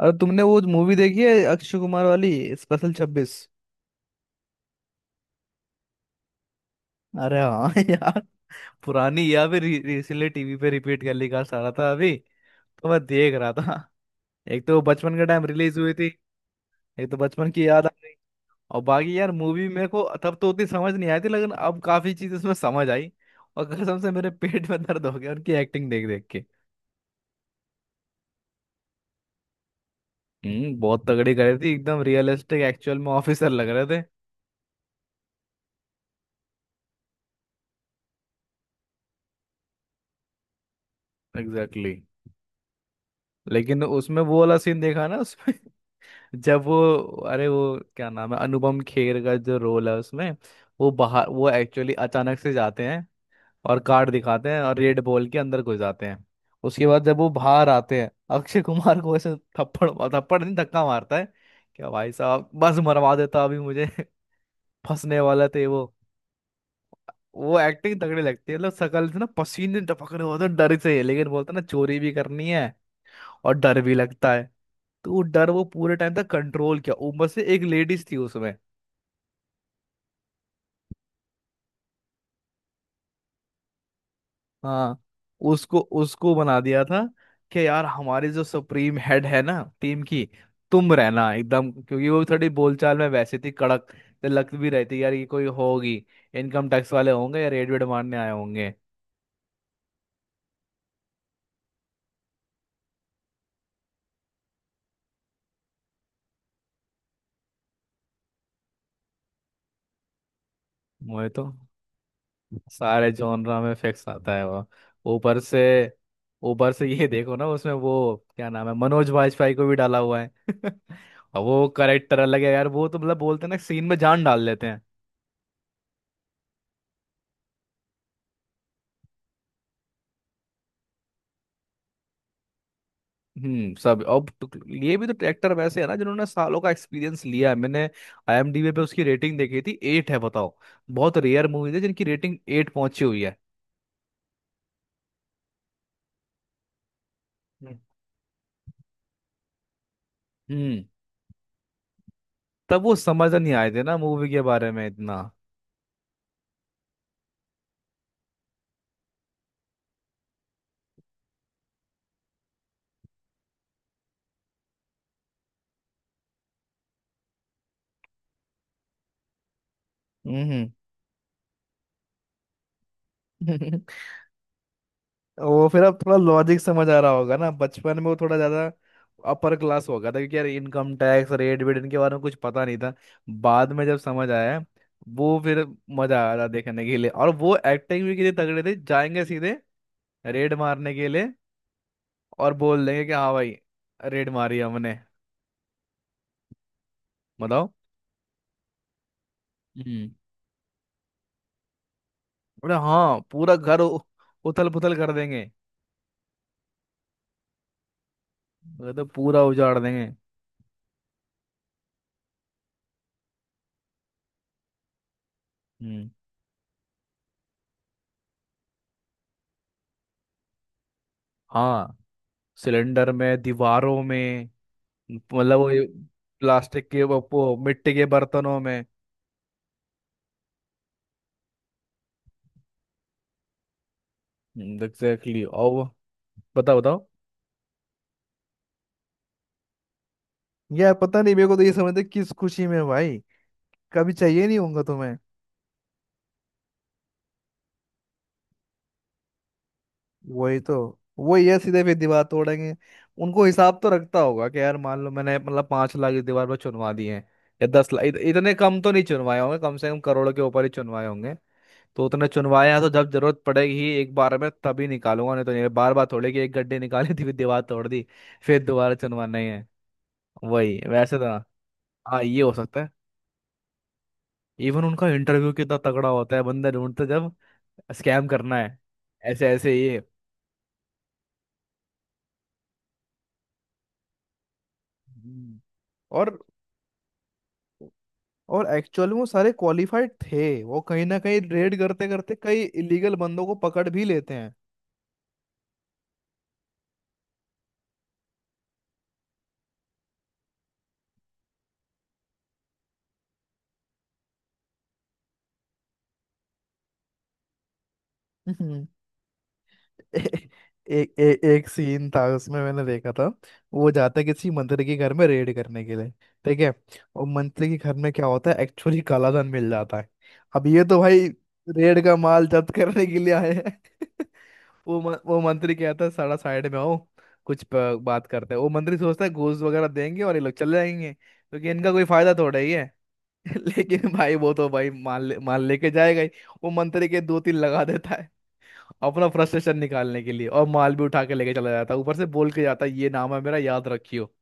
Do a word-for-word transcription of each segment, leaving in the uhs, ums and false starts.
और तुमने वो मूवी देखी है अक्षय कुमार वाली स्पेशल छब्बीस? अरे हाँ यार। पुरानी या फिर रिसेंटली टीवी पे रिपीट कर लिखा रहा था अभी। तो मैं देख रहा था। एक तो वो बचपन के टाइम रिलीज हुई थी। एक तो बचपन की याद आ गई। और बाकी यार मूवी मेरे को तब तो उतनी समझ नहीं आई थी लेकिन अब काफी चीज उसमें समझ आई। और कसम से मेरे पेट में दर्द हो गया उनकी एक्टिंग देख देख के। हम्म बहुत तगड़ी करी थी एकदम रियलिस्टिक एक्चुअल में ऑफिसर लग रहे थे। Exactly exactly। लेकिन उसमें वो वाला सीन देखा ना उसमें जब वो। अरे वो क्या नाम है अनुपम खेर का जो रोल है उसमें। वो बाहर वो एक्चुअली अचानक से जाते हैं और कार्ड दिखाते हैं और रेड बॉल के अंदर घुस जाते हैं। उसके बाद जब वो बाहर आते हैं अक्षय कुमार को ऐसे थप्पड़ थप्पड़ नहीं धक्का मारता है। क्या भाई साहब बस मरवा देता अभी मुझे फंसने वाला थे वो। वो एक्टिंग तगड़ी लगती है मतलब शकल से ना पसीने टपक रहे होते हैं डर से लेकिन बोलता है ना चोरी भी करनी है और डर भी लगता है। तो वो डर वो पूरे टाइम तक कंट्रोल किया ऊपर से एक लेडीज थी उसमें। हाँ। उसको उसको बना दिया था कि यार हमारी जो सुप्रीम हेड है ना टीम की। तुम रहना एकदम क्योंकि वो थोड़ी बोलचाल में वैसे थी कड़क। तो लग भी रही थी यार ये कोई होगी इनकम टैक्स वाले होंगे या रेड वेड मारने आए होंगे। वो तो सारे जॉनरा में फिक्स आता है वो। ऊपर से ऊपर से ये देखो ना उसमें वो क्या नाम है मनोज वाजपेयी को भी डाला हुआ है और वो करेक्टर अलग है यार वो तो मतलब बोलते हैं ना सीन में जान डाल लेते। हम्म सब अब तो- ये भी तो ट्रैक्टर वैसे है ना जिन्होंने सालों का एक्सपीरियंस लिया है मैंने। आई एम डी बी पे उसकी रेटिंग देखी थी एट है बताओ। बहुत रेयर मूवी है जिनकी रेटिंग एट पहुंची हुई है। हम्म। हम्म। तब वो समझ नहीं आए थे ना मूवी के बारे में इतना। हम्म। वो फिर अब थोड़ा लॉजिक समझ आ रहा होगा ना बचपन में वो थोड़ा ज्यादा अपर क्लास हो गया था क्योंकि यार इनकम टैक्स रेट वेट इनके बारे में कुछ पता नहीं था। बाद में जब समझ आया वो फिर मजा आ रहा देखने के लिए और वो एक्टिंग भी कितने तगड़े थे जाएंगे सीधे रेड मारने के लिए और बोल देंगे कि हाँ भाई रेड मारी हमने बताओ। हम्म बोले हाँ पूरा घर उ- उथल पुथल कर देंगे बोले तो पूरा उजाड़ देंगे। हम्म। हाँ। सिलेंडर में दीवारों में मतलब वो ये प्लास्टिक के वो वो मिट्टी के बर्तनों में। एग्जैक्टली और वो- बताओ बताओ। यार पता नहीं मेरे को तो ये समझते किस खुशी में भाई कभी चाहिए नहीं होगा तुम्हें। वही तो वो ये सीधे फिर दीवार तोड़ेंगे। उनको हिसाब तो रखता होगा कि यार मान लो मैंने मतलब पांच लाख इस दीवार पर चुनवा दिए हैं या दस लाख इत, इतने कम तो नहीं चुनवाए होंगे कम से कम करोड़ों के ऊपर ही चुनवाए होंगे। तो उतने चुनवाए हैं तो जब जरूरत पड़ेगी एक बार में तभी निकालूंगा नहीं तो नहीं बार बार थोड़े कि एक गड्ढे निकाली थी फिर दीवार तोड़ दी फिर दोबारा चुनवाना ही है। वही वैसे तो हाँ। हाँ, ये हो सकता है। इवन उनका इंटरव्यू कितना तगड़ा होता है बंदा ढूंढते जब स्कैम करना है ऐसे ऐसे ये। हम्म। और और एक्चुअल में वो सारे क्वालिफाइड थे वो कहीं ना कहीं रेड करते करते कई इलीगल बंदों को पकड़ भी लेते हैं। हम्म। ए, ए, ए, एक सीन था उसमें मैंने देखा था। वो जाता है किसी मंत्री के घर में रेड करने के लिए। ठीक है। और मंत्री के घर में क्या होता है एक्चुअली कालाधन मिल जाता है। अब ये तो भाई रेड का माल जब्त करने के लिए आए हैं। वो म, वो मंत्री कहता है सारा साइड में आओ कुछ प- बात करते हैं। वो मंत्री सोचता है घूस वगैरह देंगे और ये लोग चले जाएंगे क्योंकि इनका कोई फायदा थोड़ा ही है। लेकिन भाई वो तो भाई माल ले, माल लेके जाएगा ही। वो मंत्री के दो तीन लगा देता है अपना फ्रस्ट्रेशन निकालने के लिए और माल भी उठा के लेके चला जाता है ऊपर से बोल के जाता है ये नाम है मेरा याद रखियो।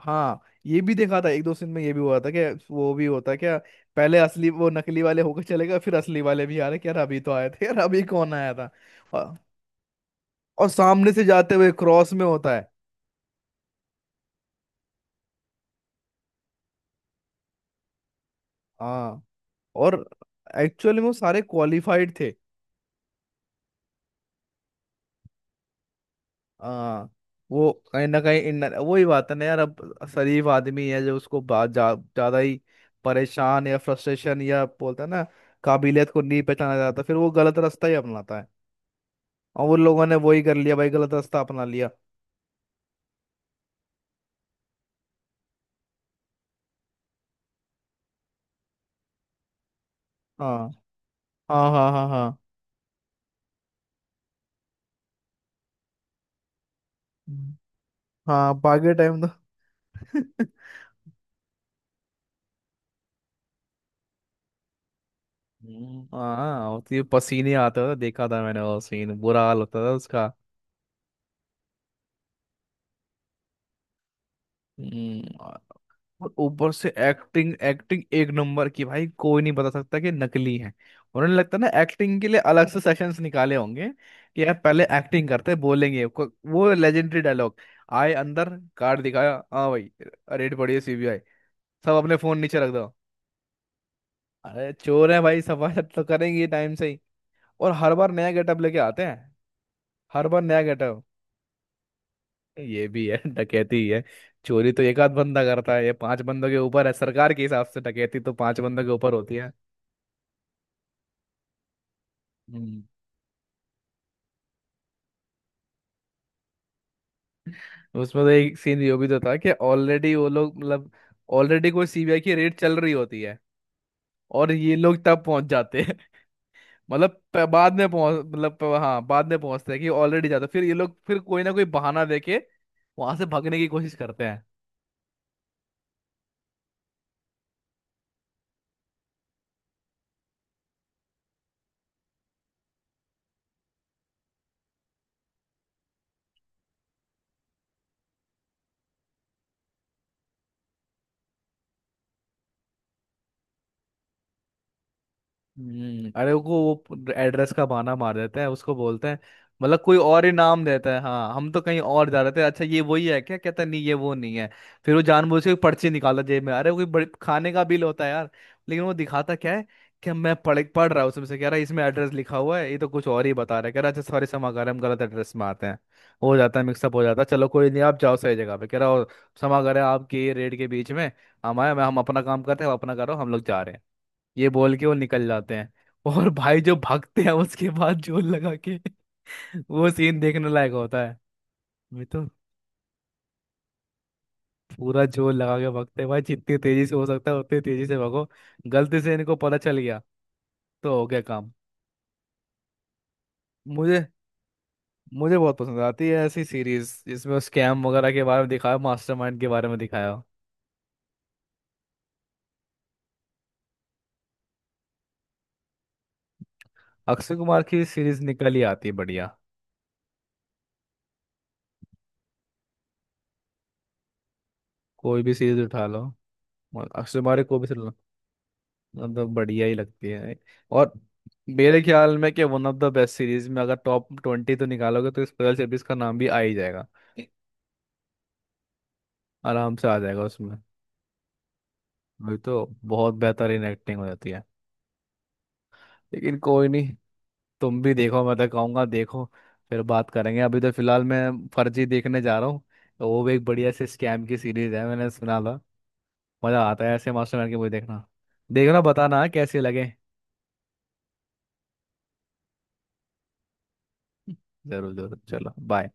हाँ। ये भी देखा था एक दो सीन में ये भी हुआ था कि वो भी होता है क्या पहले असली वो नकली वाले होकर चले गए फिर असली वाले भी आ रहे कि यार अभी तो आए थे यार अभी कौन आया था। और, और सामने से जाते हुए क्रॉस में होता है। हाँ। और एक्चुअली में वो सारे क्वालिफाइड थे। हाँ। वो कहीं ना कहीं इन वही बात है ना यार अब शरीफ आदमी है जो उसको बात जा, ज्यादा ही परेशान या फ्रस्ट्रेशन या बोलते हैं ना। काबिलियत को नहीं पहचाना जाता फिर वो गलत रास्ता ही अपनाता है और वो लोगों ने वही कर लिया भाई गलत रास्ता अपना लिया। हाँ हाँ हाँ हाँ। हाँ। हम्म, हाँ बाकी टाइम तो हम्म। हाँ होती है, पसीने आते थे देखा था मैंने वो सीन बुरा हाल होता था उसका। हम्म, और ऊपर से एक्टिंग एक्टिंग एक नंबर की भाई कोई नहीं बता सकता कि नकली है। उन्होंने लगता है ना एक्टिंग के लिए अलग से सेशंस निकाले होंगे कि यार पहले एक्टिंग करते बोलेंगे को- वो लेजेंडरी डायलॉग आए अंदर कार्ड दिखाया हाँ भाई रेड पड़ी है सी बी आई सब अपने फोन नीचे रख दो। अरे चोर है भाई सफाई तो करेंगे टाइम से ही और हर बार नया गेटअप लेके आते हैं। हर बार नया गेटअप। ये भी है डकैती ही है। चोरी तो एक आध बंदा करता है ये पांच बंदों के ऊपर है सरकार के हिसाब से डकैती तो पांच बंदों के ऊपर होती है। हम्म। उसमें तो एक सीन यो भी तो था कि ऑलरेडी वो लोग मतलब ऑलरेडी कोई सी बी आई की रेड चल रही होती है और ये लोग तब पहुंच जाते हैं। मतलब प- बाद में पहुंच मतलब प- हाँ बाद में पहुंचते हैं कि ऑलरेडी जाते हैं। फिर ये लोग फिर कोई ना कोई बहाना देके वहां से भागने की कोशिश करते। हम्म अरे वो वो एड्रेस का बहाना मार देते हैं उसको बोलते हैं। मतलब कोई और ही नाम देता है हाँ हम तो कहीं और जा रहे थे अच्छा ये वही है क्या कहता है, नहीं ये वो नहीं है। फिर वो जानबूझ के पर्ची निकाला जेब में अरे वो कोई बड़े खाने का बिल होता है यार लेकिन वो दिखाता क्या है कि मैं पढ़ पढ़ रहा हूँ उसमें से कह रहा है इसमें एड्रेस लिखा हुआ है ये तो कुछ और ही बता रहा है कह रहा है, अच्छा सॉरी क्षमा कर हम गलत एड्रेस में आते हैं। हो जाता है मिक्सअप हो जाता है चलो कोई नहीं आप जाओ सही जगह पे कह रहा हो क्षमा करें आपके रेड के बीच में हम आए मैं हम अपना काम करते हैं आप अपना करो हम लोग जा रहे हैं। ये बोल के वो निकल जाते हैं। और भाई जो भागते हैं उसके बाद जोर लगा के वो सीन देखने लायक होता है। मैं तो पूरा जोर लगा के भागते हैं भाई जितनी तेजी से हो सकता है उतनी तेजी से भागो। गलती से इनको पता चल गया तो हो गया काम। मुझे मुझे बहुत पसंद आती है ऐसी सीरीज जिसमें स्कैम वगैरह के बारे में दिखाया मास्टरमाइंड के बारे में दिखाया हो। अक्षय कुमार की सीरीज निकल ही आती है बढ़िया। कोई भी सीरीज उठा लो अक्षय कुमार की कोई भी सीरीज। मतलब बढ़िया ही लगती है भाई। और मेरे ख्याल में कि one of the best series में अगर टॉप ट्वेंटी तो निकालोगे तो स्पेशल सर्विस का नाम भी आ ही जाएगा। आराम से आ जाएगा उसमें। वही तो बहुत बेहतरीन एक्टिंग हो जाती है। लेकिन कोई नहीं। तुम भी देखो मैं तो कहूँगा देखो। फिर बात करेंगे अभी तो फिलहाल मैं फर्जी देखने जा रहा हूँ। वो भी एक बढ़िया से स्कैम की सीरीज है मैंने सुना था। मज़ा आता है ऐसे मास्टरमाइंड की मूवी देखना। देखना बताना कैसे लगे। जरूर जरूर चलो बाय।